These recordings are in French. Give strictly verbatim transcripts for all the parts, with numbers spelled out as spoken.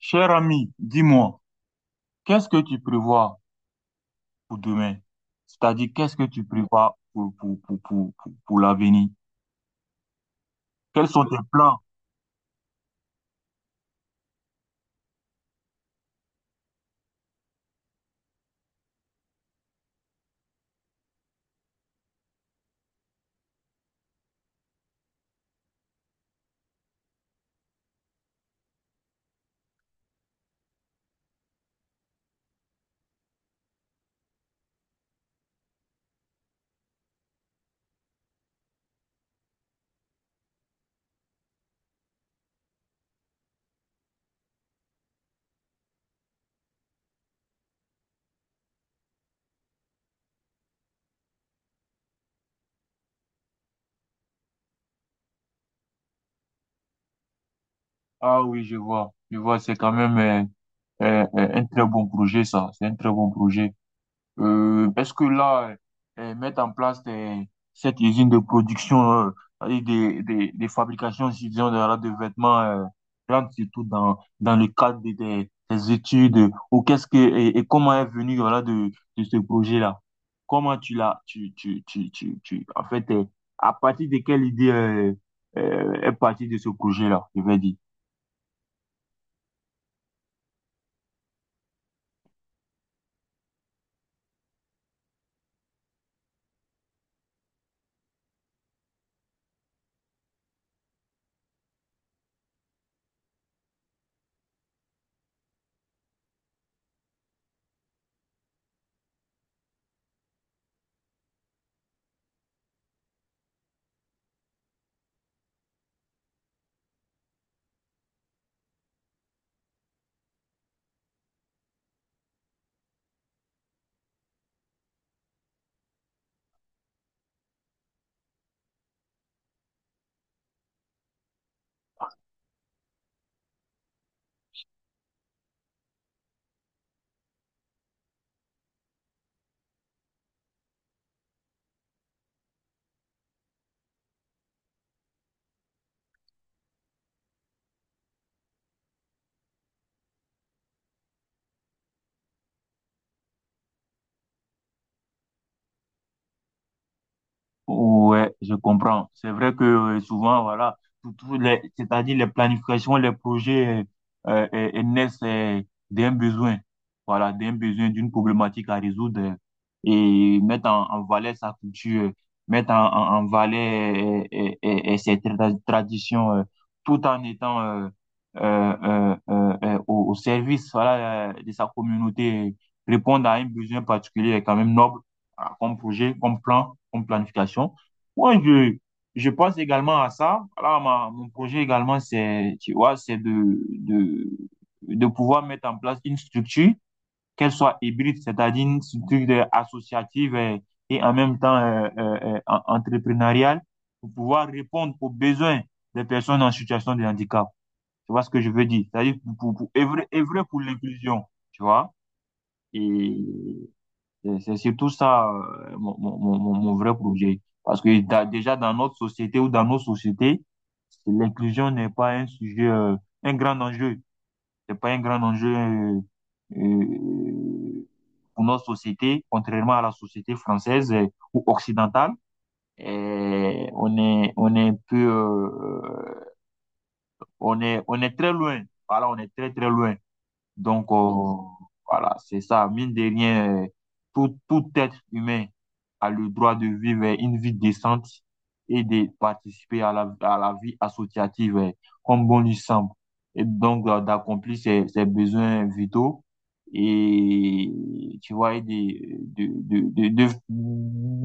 Cher ami, dis-moi, qu'est-ce que tu prévois pour demain? C'est-à-dire, qu'est-ce que tu prévois pour, pour, pour, pour, pour, pour l'avenir? Quels sont tes plans? Ah oui, je vois, je vois, c'est quand même euh, euh, euh, un très bon projet, ça. C'est un très bon projet. Euh, parce que là, euh, euh, mettre en place des- cette usine de production, euh, et des, des, des fabrications, si disons, de, de vêtements, euh, rentre surtout dans, dans le cadre des, des, des études, ou qu'est-ce que, et, et comment est venu, voilà, de, de ce projet-là? Comment tu l'as, tu, tu, tu, tu, tu, en fait, euh, à partir de quelle idée, euh, euh, est partie de ce projet-là, je vais dire. Ouais, je comprends. C'est vrai que euh, souvent, voilà, tout, tout les, c'est-à-dire les planifications, les projets euh, euh, euh, naissent euh, d'un besoin, voilà, d'un besoin, d'une problématique à résoudre euh, et mettre en, en valeur sa culture, mettre en, en, en valeur euh, euh, euh, euh, ses tra- traditions, euh, tout en étant euh, euh, euh, euh, euh, au, au service, voilà, euh, de sa communauté, répondre à un besoin particulier est quand même noble, voilà, comme projet, comme plan, comme planification. Moi, je, je pense également à ça. Voilà, ma- mon projet également, c'est, tu vois, c'est de, de, de pouvoir mettre en place une structure, qu'elle soit hybride, c'est-à-dire une structure de- associative, euh, et en même temps euh, euh, euh, en- entrepreneuriale, pour pouvoir répondre aux besoins des personnes en situation de handicap. Tu vois ce que je veux dire? C'est-à-dire pour, pour, pour œuvrer, œuvrer pour l'inclusion, tu vois? Et c'est c'est surtout ça, euh, mon, mon, mon, mon vrai projet. Parce que da- déjà dans notre société ou dans nos sociétés, l'inclusion n'est pas un sujet, euh, un grand enjeu. C'est pas un grand enjeu euh, euh, pour notre société, contrairement à la société française euh, ou occidentale. Et on est, on est un peu, euh, on est, on est très loin. Voilà, on est très très loin. Donc, euh, voilà, c'est ça. Mine de rien, euh, tout, tout être humain a le droit de vivre euh, une vie décente et de participer à la, à la vie associative euh, comme bon lui semble. Et donc, euh, d'accomplir ses, ses besoins vitaux et, tu vois, et de, de, de, de, de,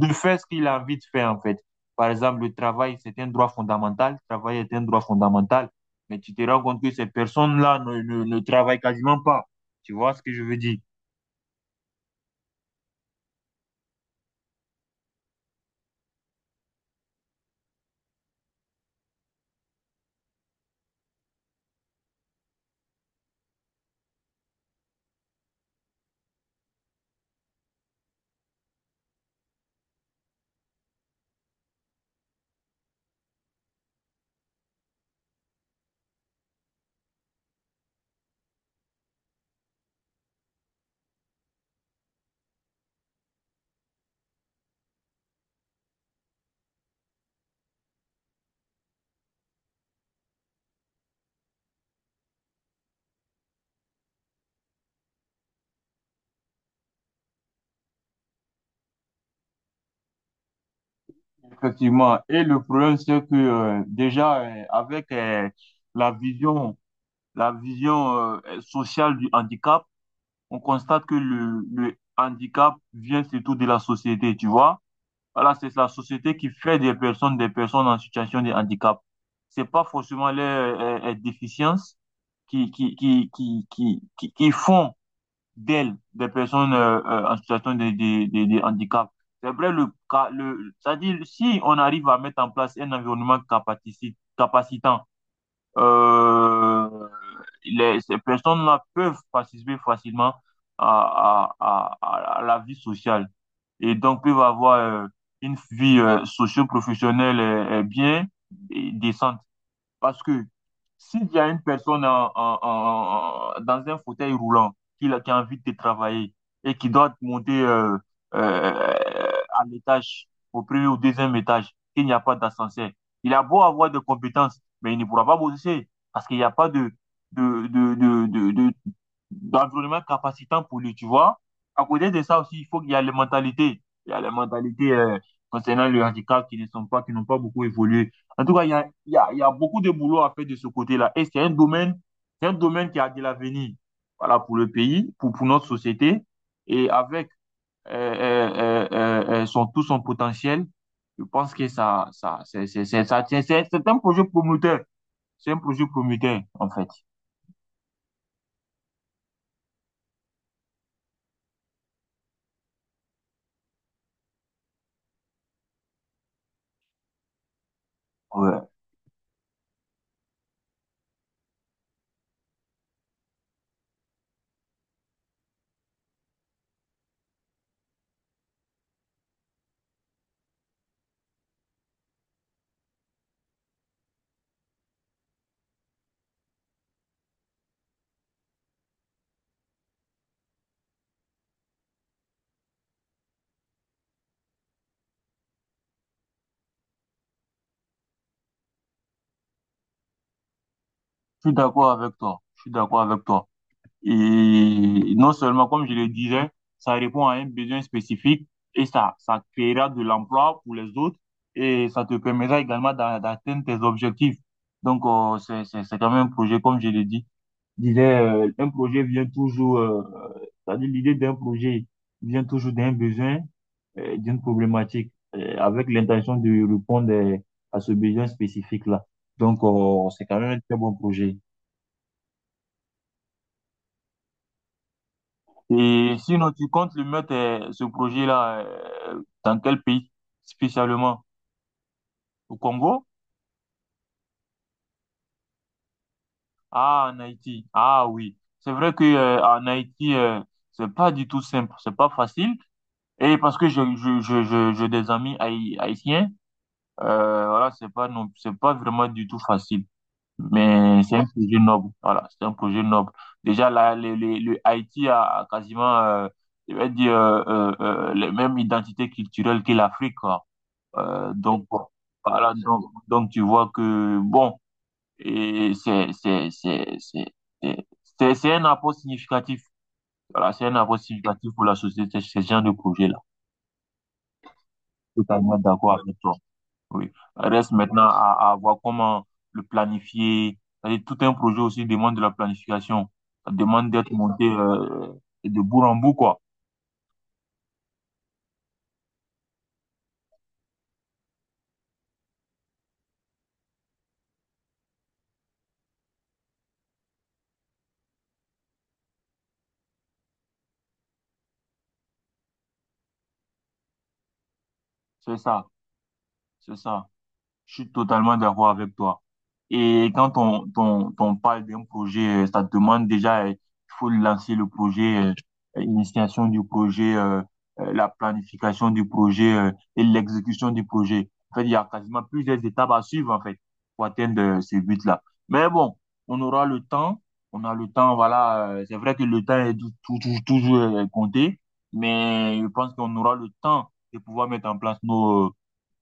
de faire ce qu'il a envie de faire, en fait. Par exemple, le travail, c'est un droit fondamental. Travailler est un droit fondamental mais tu te rends compte que ces personnes-là ne, ne, ne, travaillent quasiment pas. Tu vois ce que je veux dire? Effectivement. Et le problème, c'est que euh, déjà, euh, avec euh, la vision, la vision euh, sociale du handicap, on constate que le, le handicap vient surtout de la société, tu vois? Voilà, c'est la société qui fait des personnes des personnes en situation de handicap. C'est pas forcément les euh, euh, déficiences qui, qui, qui, qui, qui, qui qui font d'elles, des personnes euh, euh, en situation de, de, de- de handicap. C'est vrai, le, le, c'est-à-dire, si on arrive à mettre en place un environnement capacitant, euh, les, ces personnes-là peuvent participer facilement à, à, à, à la vie sociale et donc peuvent avoir euh, une vie euh, socio-professionnelle euh, euh, bien et décente. Parce que s'il y a une personne en- en- en- en- dans un fauteuil roulant qui, a- qui a envie de travailler et qui doit monter euh, euh, à l'étage, au premier ou deuxième étage, qu'il n'y a pas d'ascenseur, il a beau avoir des compétences, mais il ne pourra pas bosser parce qu'il n'y a pas de, de, de, de, de, de d'environnement capacitant pour lui, tu vois. À côté de ça aussi, il faut qu'il y a les mentalités. Il y a les mentalités euh, concernant le handicap qui ne sont pas, qui n'ont pas beaucoup évolué. En tout cas, il y a, il y a, il y a beaucoup de boulot à faire de ce côté-là. Et c'est un domaine, c'est un domaine qui a de l'avenir. Voilà, pour le pays, pour, pour notre société. Et avec euh, euh, euh, euh, euh, son, tout son potentiel, je pense que ça, ça, c'est, c'est, c'est, ça tient- c'est, c'est un projet prometteur. C'est un projet prometteur, en fait. Ouais. Je suis d'accord avec toi. Je suis d'accord avec toi. Et non seulement, comme je le disais, ça répond à un besoin spécifique et ça, ça créera de l'emploi pour les autres et ça te permettra également d'a- d'atteindre tes objectifs. Donc, euh, c'est, c'est, c'est quand même un projet, comme je l'ai dit. Disais, euh, un projet vient toujours, euh, c'est-à-dire l'idée d'un projet vient toujours d'un besoin, euh, d'une problématique, euh, avec l'intention de répondre euh, à ce besoin spécifique-là. Donc, euh, c'est quand même un très bon projet. Et sinon, tu comptes le mettre, euh, ce projet-là, euh, dans quel pays spécialement? Au Congo? Ah, en Haïti. Ah oui. C'est vrai que, euh, en Haïti, euh, c'est pas du tout simple, c'est pas facile. Et parce que j'ai je, je, je, j'ai des amis haï- haïtiens, euh, voilà, c'est pas non, c'est pas vraiment du tout facile. Mais c'est un projet noble. Voilà, c'est un projet noble. Déjà, là, le, le, le Haïti a, a quasiment, euh, je vais dire, euh, euh, euh, les mêmes identités culturelles que l'Afrique, quoi. Euh, donc, bon, voilà, donc, donc tu vois que, bon, et c'est c'est- c'est- c'est- c'est- c'est- c'est un apport significatif. Voilà, c'est un apport significatif pour la société, ce genre de projet-là. Totalement d'accord avec toi. Oui. Reste maintenant à, à voir comment le planifier. C'est-à-dire, tout un projet aussi demande de la planification. Ça demande d'être monté euh, de bout en bout, quoi. C'est ça, c'est ça. Je suis totalement d'accord avec toi. Et quand on, on, on parle d'un projet, euh, ça demande déjà, euh, il faut lancer le projet, euh, l'initiation du projet, euh, euh, la planification du projet, euh, et l'exécution du projet. En fait, il y a quasiment plusieurs étapes à suivre, en fait, pour atteindre euh, ce but-là. Mais bon, on aura le temps, on a le temps, voilà. euh, C'est vrai que le temps est tou- tou- tou- toujours euh, compté, mais je pense qu'on aura le temps de pouvoir mettre en place nos euh,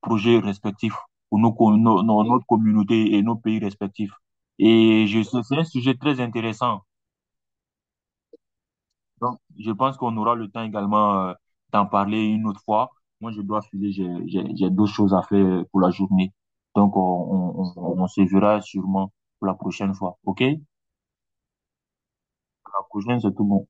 projets respectifs pour nos, com- nos- nos- notre communauté et nos pays respectifs. Et je sais- c'est un sujet très intéressant. Donc, je pense qu'on aura le temps également euh, d'en parler une autre fois. Moi, je dois filer, j'ai, j'ai, j'ai d'autres choses à faire pour la journée. Donc, on, on, on, on se verra sûrement pour la prochaine fois. OK? Pour la prochaine, c'est tout bon.